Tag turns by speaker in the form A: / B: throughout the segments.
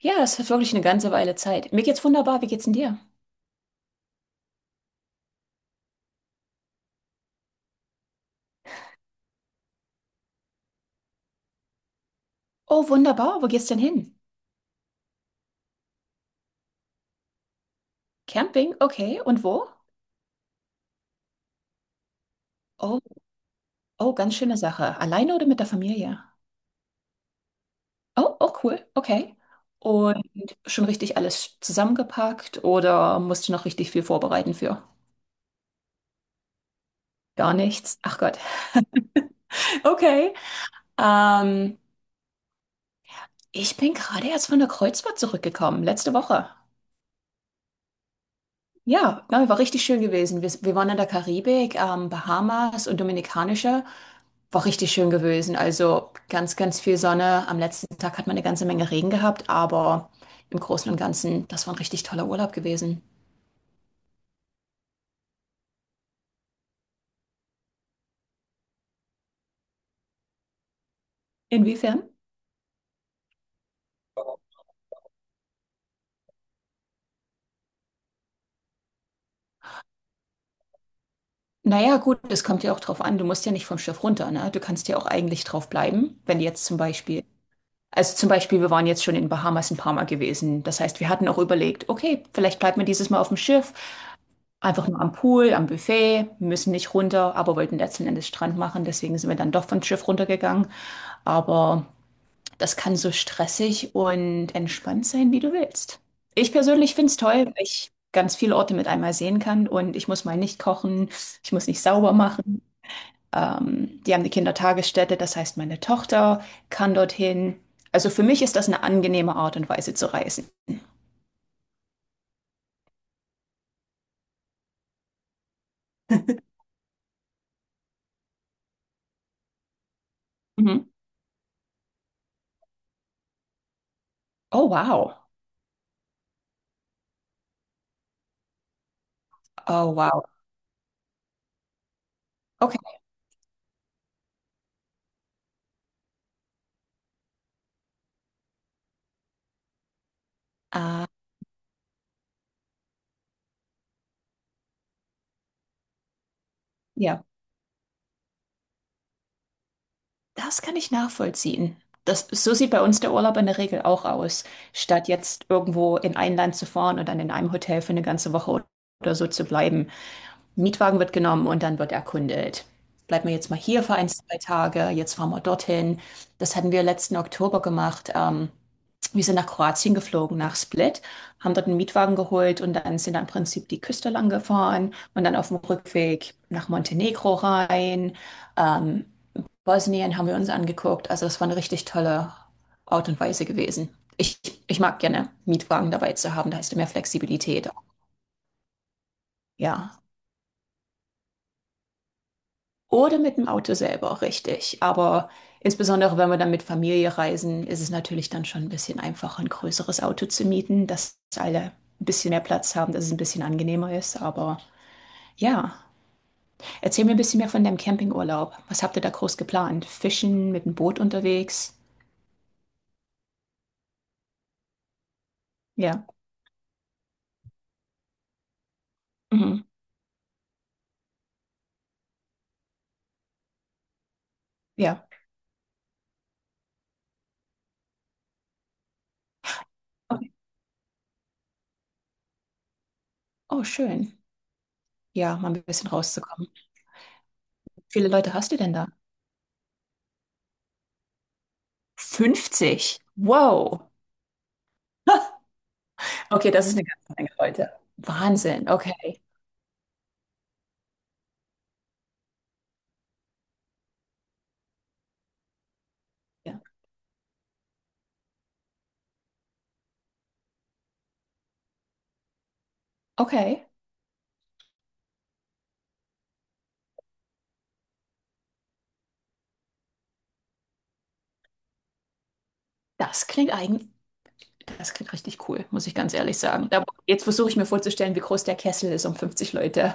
A: Ja, das ist wirklich eine ganze Weile Zeit. Mir geht's wunderbar. Wie geht's denn dir? Oh, wunderbar. Wo geht's denn hin? Camping? Okay. Und wo? Oh, oh, ganz schöne Sache. Alleine oder mit der Familie? Oh, oh, cool. Okay. Und schon richtig alles zusammengepackt oder musst du noch richtig viel vorbereiten für? Gar nichts. Ach Gott. Okay. Ähm, ich bin gerade erst von der Kreuzfahrt zurückgekommen. Letzte Woche. Ja, nein, war richtig schön gewesen. Wir waren in der Karibik, Bahamas und Dominikanische. War richtig schön gewesen. Also ganz, ganz viel Sonne. Am letzten Tag hat man eine ganze Menge Regen gehabt, aber im Großen und Ganzen, das war ein richtig toller Urlaub gewesen. Inwiefern? Naja, gut, das kommt ja auch drauf an. Du musst ja nicht vom Schiff runter, ne? Du kannst ja auch eigentlich drauf bleiben, wenn jetzt zum Beispiel. Also zum Beispiel, wir waren jetzt schon in Bahamas ein paar Mal gewesen. Das heißt, wir hatten auch überlegt, okay, vielleicht bleibt man dieses Mal auf dem Schiff. Einfach nur am Pool, am Buffet, müssen nicht runter, aber wollten letzten Endes Strand machen. Deswegen sind wir dann doch vom Schiff runtergegangen. Aber das kann so stressig und entspannt sein, wie du willst. Ich persönlich finde es toll, weil ich ganz viele Orte mit einmal sehen kann und ich muss mal nicht kochen, ich muss nicht sauber machen. Die haben eine Kindertagesstätte, das heißt, meine Tochter kann dorthin. Also für mich ist das eine angenehme Art und Weise zu reisen. Mhm. Oh, wow. Oh, wow. Okay. Ah, ja. Das kann ich nachvollziehen. Das, so sieht bei uns der Urlaub in der Regel auch aus. Statt jetzt irgendwo in ein Land zu fahren und dann in einem Hotel für eine ganze Woche oder so zu bleiben. Mietwagen wird genommen und dann wird erkundet. Bleiben wir jetzt mal hier für ein, zwei Tage, jetzt fahren wir dorthin. Das hatten wir letzten Oktober gemacht. Wir sind nach Kroatien geflogen, nach Split, haben dort einen Mietwagen geholt und dann sind dann im Prinzip die Küste lang gefahren und dann auf dem Rückweg nach Montenegro rein. Ähm, Bosnien haben wir uns angeguckt. Also das war eine richtig tolle Art und Weise gewesen. Ich, ich mag gerne Mietwagen dabei zu haben, da hast du mehr Flexibilität. Ja. Oder mit dem Auto selber, richtig. Aber insbesondere wenn wir dann mit Familie reisen, ist es natürlich dann schon ein bisschen einfacher, ein größeres Auto zu mieten, dass alle ein bisschen mehr Platz haben, dass es ein bisschen angenehmer ist. Aber ja, erzähl mir ein bisschen mehr von deinem Campingurlaub. Was habt ihr da groß geplant? Fischen, mit dem Boot unterwegs? Ja. Mhm. Ja. Okay. Oh, schön. Ja, mal ein bisschen rauszukommen. Wie viele Leute hast du denn da? 50. Wow. Okay, das ist eine ganze Menge Leute. Wahnsinn, okay. Ja. Okay, das klingt eigentlich, das klingt richtig cool, muss ich ganz ehrlich sagen. Da, jetzt versuche ich mir vorzustellen, wie groß der Kessel ist um 50 Leute.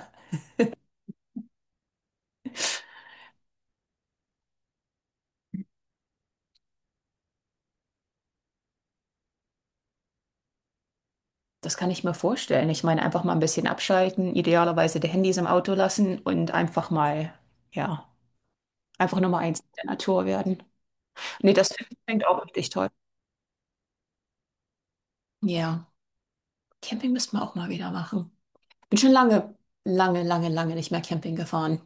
A: Das kann ich mir vorstellen. Ich meine, einfach mal ein bisschen abschalten, idealerweise die Handys im Auto lassen und einfach mal, ja, einfach Nummer eins in der Natur werden. Nee, das klingt auch richtig toll. Ja, Camping müssten wir auch mal wieder machen. Bin schon lange, lange, lange, lange nicht mehr Camping gefahren.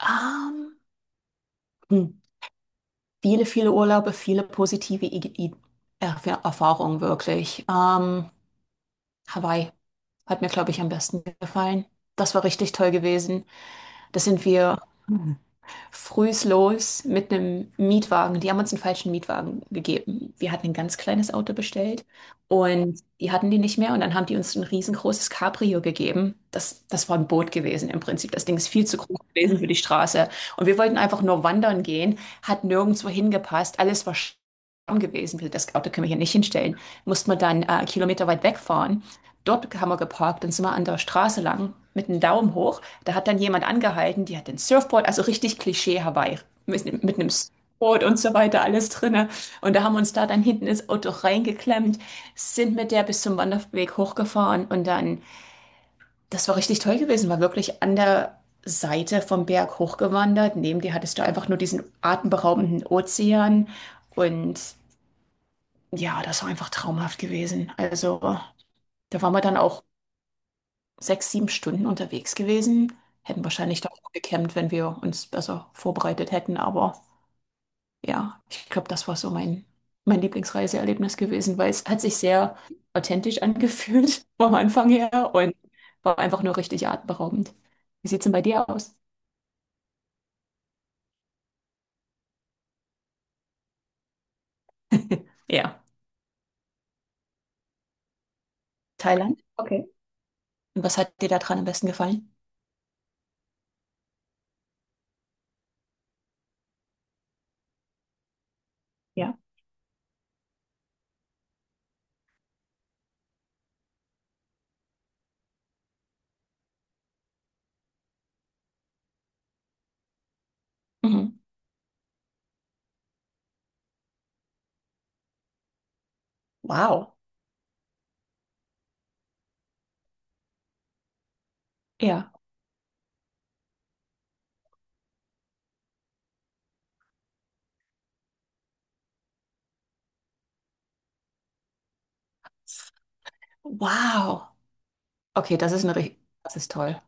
A: Ähm, hm. Viele, viele Urlaube, viele positive Erfahrungen wirklich. Hawaii hat mir, glaube ich, am besten gefallen. Das war richtig toll gewesen. Da sind wir. Frühs los mit einem Mietwagen. Die haben uns einen falschen Mietwagen gegeben. Wir hatten ein ganz kleines Auto bestellt und die hatten die nicht mehr. Und dann haben die uns ein riesengroßes Cabrio gegeben. Das war ein Boot gewesen im Prinzip. Das Ding ist viel zu groß gewesen für die Straße. Und wir wollten einfach nur wandern gehen, hat nirgendwo hingepasst. Alles war arm gewesen. Das Auto können wir hier nicht hinstellen. Mussten wir dann Kilometer weit wegfahren. Dort haben wir geparkt und sind wir an der Straße lang mit dem Daumen hoch, da hat dann jemand angehalten, die hat den Surfboard, also richtig Klischee Hawaii, mit einem Surfboard und so weiter, alles drinne. Und da haben wir uns da dann hinten ins Auto reingeklemmt, sind mit der bis zum Wanderweg hochgefahren und dann, das war richtig toll gewesen, war wirklich an der Seite vom Berg hochgewandert. Neben dir hattest du einfach nur diesen atemberaubenden Ozean und ja, das war einfach traumhaft gewesen. Also da waren wir dann auch sechs, sieben Stunden unterwegs gewesen. Hätten wahrscheinlich doch noch gecampt, wenn wir uns besser vorbereitet hätten. Aber ja, ich glaube, das war so mein Lieblingsreiseerlebnis gewesen, weil es hat sich sehr authentisch angefühlt vom Anfang her und war einfach nur richtig atemberaubend. Wie sieht's denn bei dir aus? Ja. Thailand? Okay. Und was hat dir da dran am besten gefallen? Ja. Mhm. Wow. Ja. Wow. Okay, das ist das ist toll.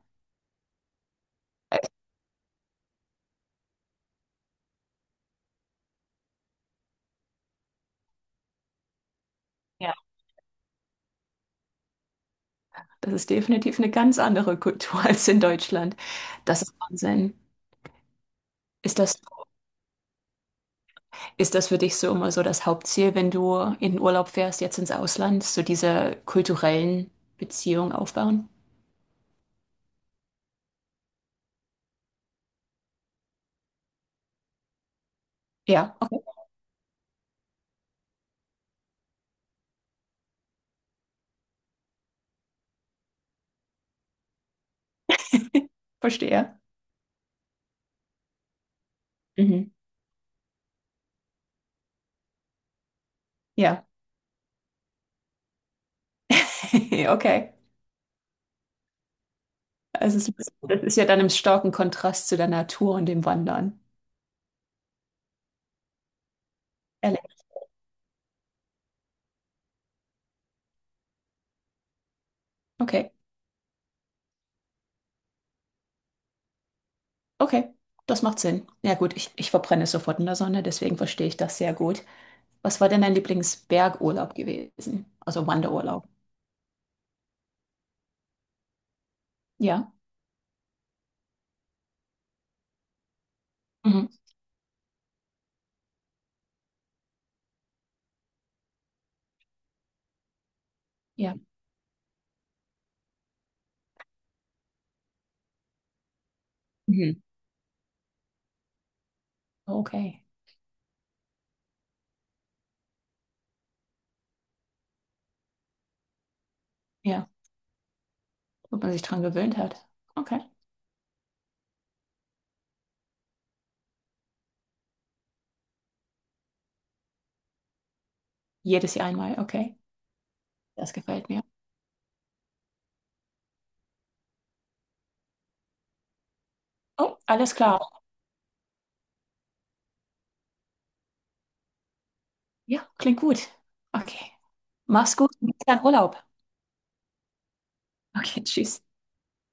A: Das ist definitiv eine ganz andere Kultur als in Deutschland. Das ist Wahnsinn. Ist das, ist das für dich so immer so das Hauptziel, wenn du in den Urlaub fährst, jetzt ins Ausland, so diese kulturellen Beziehungen aufbauen? Ja, okay, verstehe. Mhm. Ja, okay. Also es ist, das ist ja dann im starken Kontrast zu der Natur und dem Wandern. Ehrlich. Okay, okay, das macht Sinn. Ja gut, ich verbrenne sofort in der Sonne, deswegen verstehe ich das sehr gut. Was war denn dein Lieblingsbergurlaub gewesen? Also Wanderurlaub. Ja. Mhm. Ja. Mhm. Okay. Ja. Wo man sich dran gewöhnt hat. Okay. Jedes Jahr einmal. Okay. Das gefällt mir. Oh, alles klar. Ja, klingt gut. Okay. Mach's gut. Bis dann Urlaub. Okay, tschüss.